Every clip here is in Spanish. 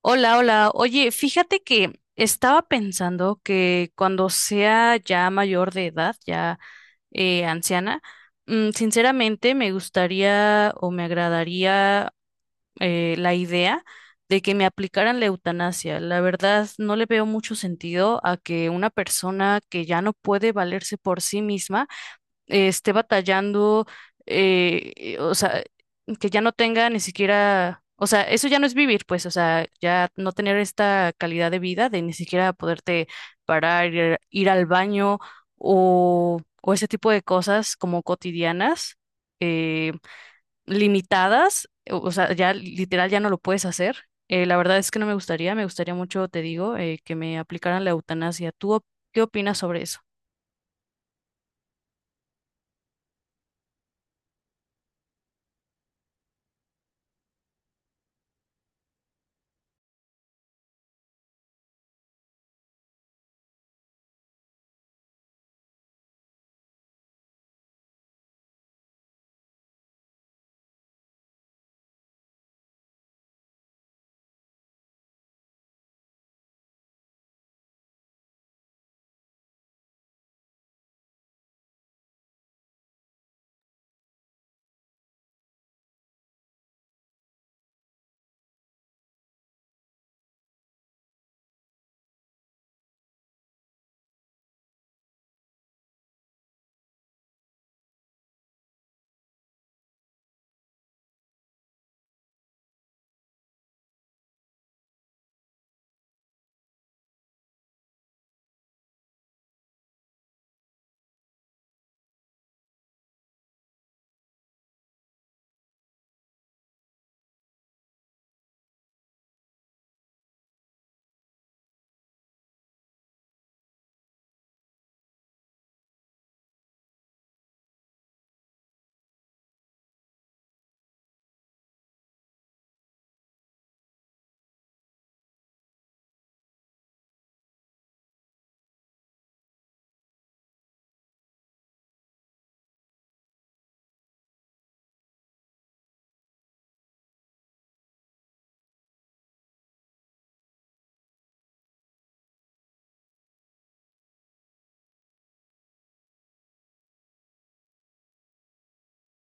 Hola, hola. Oye, fíjate que estaba pensando que cuando sea ya mayor de edad, ya anciana, sinceramente me gustaría o me agradaría la idea de que me aplicaran la eutanasia. La verdad, no le veo mucho sentido a que una persona que ya no puede valerse por sí misma esté batallando, o sea, que ya no tenga ni siquiera, o sea, eso ya no es vivir, pues, o sea, ya no tener esta calidad de vida de ni siquiera poderte parar, ir, ir al baño o ese tipo de cosas como cotidianas, eh, limitadas, o sea, ya literal ya no lo puedes hacer. La verdad es que no me gustaría, me gustaría mucho, te digo, que me aplicaran la eutanasia. Qué opinas sobre eso?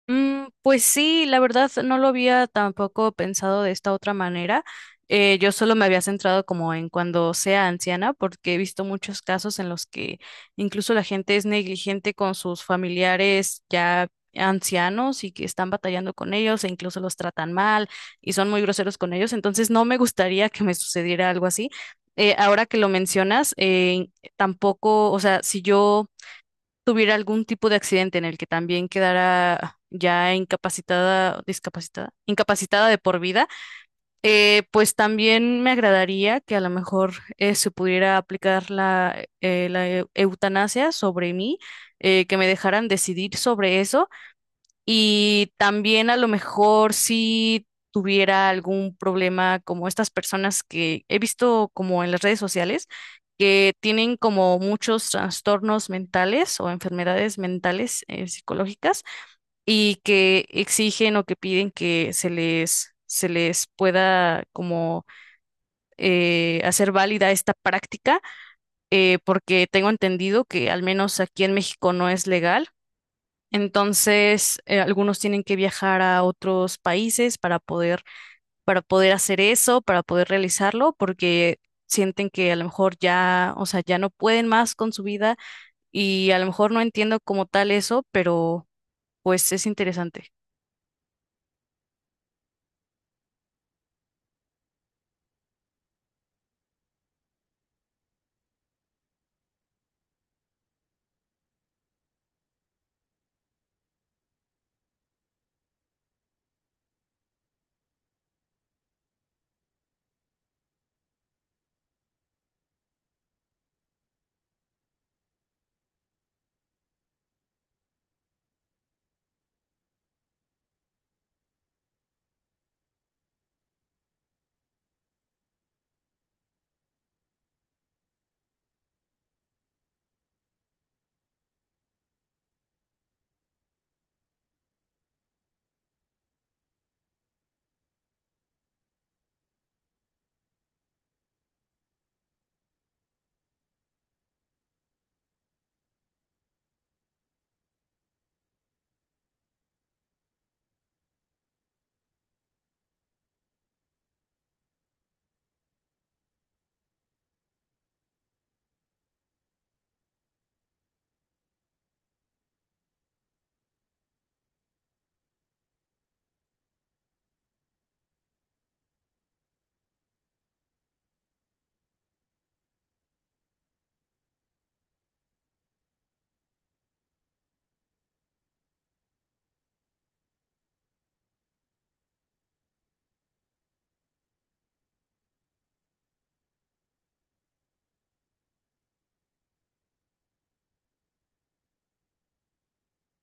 Mm, pues sí, la verdad no lo había tampoco pensado de esta otra manera. Yo solo me había centrado como en cuando sea anciana, porque he visto muchos casos en los que incluso la gente es negligente con sus familiares ya ancianos y que están batallando con ellos e incluso los tratan mal y son muy groseros con ellos. Entonces no me gustaría que me sucediera algo así. Ahora que lo mencionas, tampoco, o sea, si yo tuviera algún tipo de accidente en el que también quedara ya incapacitada, discapacitada, incapacitada de por vida, pues también me agradaría que a lo mejor se pudiera aplicar la, la eutanasia sobre mí, que me dejaran decidir sobre eso y también a lo mejor si tuviera algún problema como estas personas que he visto como en las redes sociales, que tienen como muchos trastornos mentales o enfermedades mentales psicológicas y que exigen o que piden que se les pueda como hacer válida esta práctica, porque tengo entendido que al menos aquí en México no es legal entonces, algunos tienen que viajar a otros países para poder hacer eso, para poder realizarlo, porque sienten que a lo mejor ya, o sea, ya no pueden más con su vida y a lo mejor no entiendo como tal eso, pero pues es interesante.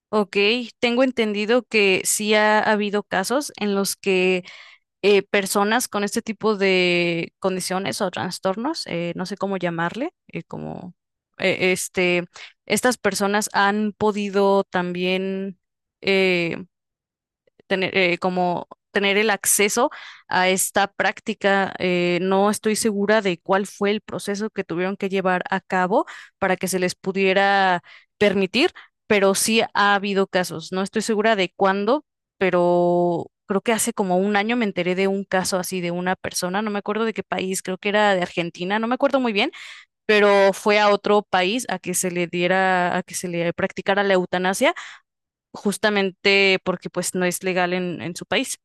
Ok, tengo entendido que sí ha habido casos en los que personas con este tipo de condiciones o trastornos, no sé cómo llamarle, como este, estas personas han podido también eh, tener, como tener el acceso a esta práctica. No estoy segura de cuál fue el proceso que tuvieron que llevar a cabo para que se les pudiera permitir, pero sí ha habido casos. No estoy segura de cuándo, pero creo que hace como un año me enteré de un caso así de una persona, no me acuerdo de qué país, creo que era de Argentina, no me acuerdo muy bien, pero fue a otro país a que se le diera, a que se le practicara la eutanasia justamente porque pues no es legal en su país.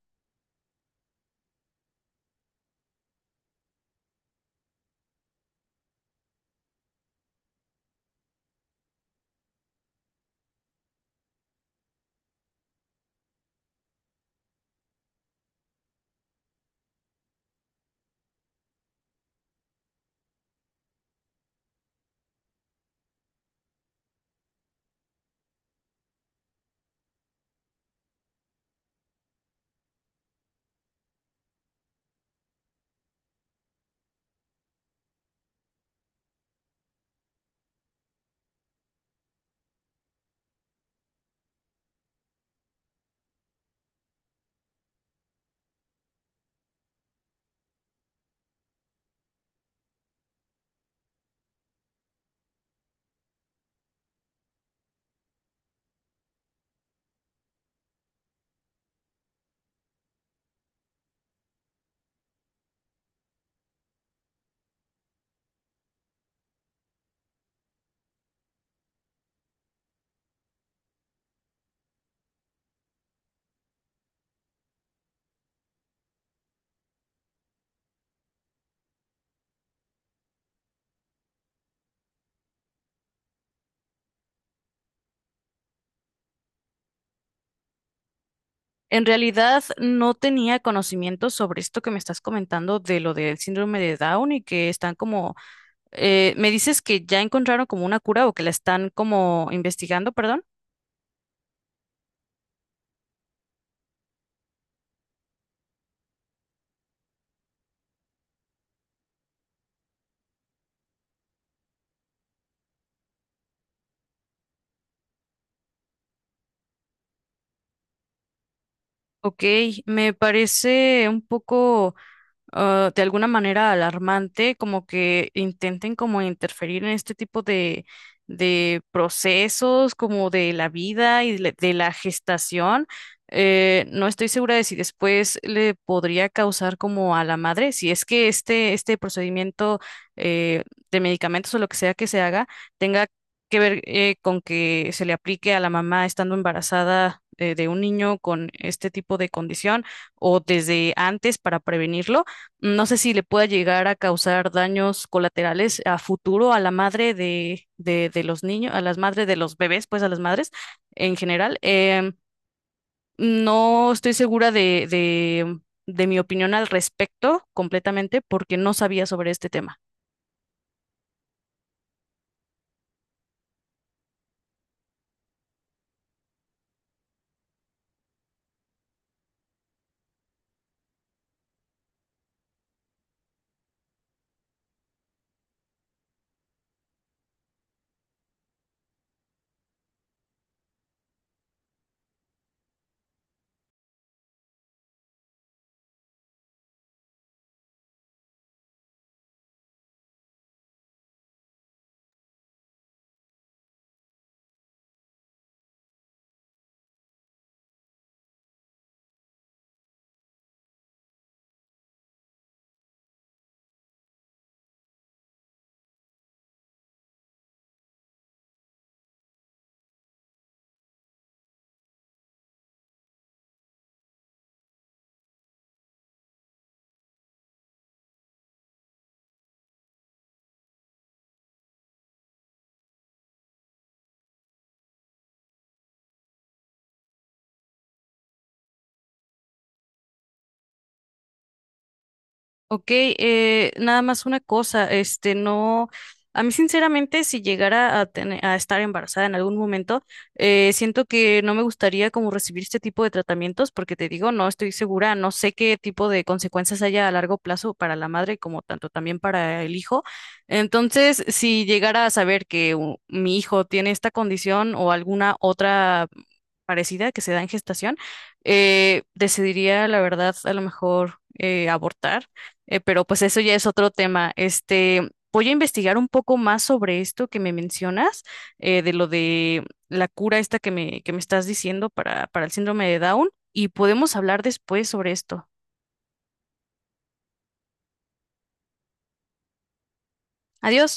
En realidad no tenía conocimiento sobre esto que me estás comentando de lo del síndrome de Down y que están como, me dices que ya encontraron como una cura o que la están como investigando, perdón. Ok, me parece un poco ah, de alguna manera alarmante, como que intenten como interferir en este tipo de procesos, como de la vida de la gestación. No estoy segura de si después le podría causar como a la madre, si es que este procedimiento eh, de medicamentos o lo que sea que se haga tenga que ver con que se le aplique a la mamá estando embarazada de un niño con este tipo de condición o desde antes para prevenirlo. No sé si le pueda llegar a causar daños colaterales a futuro a la madre de los niños, a las madres de los bebés, pues a las madres en general. Em, no estoy segura de, de mi opinión al respecto completamente porque no sabía sobre este tema. Ok, nada más una cosa, este, no, a mí sinceramente si llegara a, tener, a estar embarazada en algún momento, siento que no me gustaría como recibir este tipo de tratamientos porque te digo, no estoy segura, no sé qué tipo de consecuencias haya a largo plazo para la madre como tanto también para el hijo. Entonces, si llegara a saber que mi hijo tiene esta condición o alguna otra parecida que se da en gestación, decidiría la verdad a lo mejor abortar pero pues eso ya es otro tema. Este, voy a investigar un poco más sobre esto que me mencionas, de lo de la cura esta que me estás diciendo para el síndrome de Down, y podemos hablar después sobre esto. Adiós.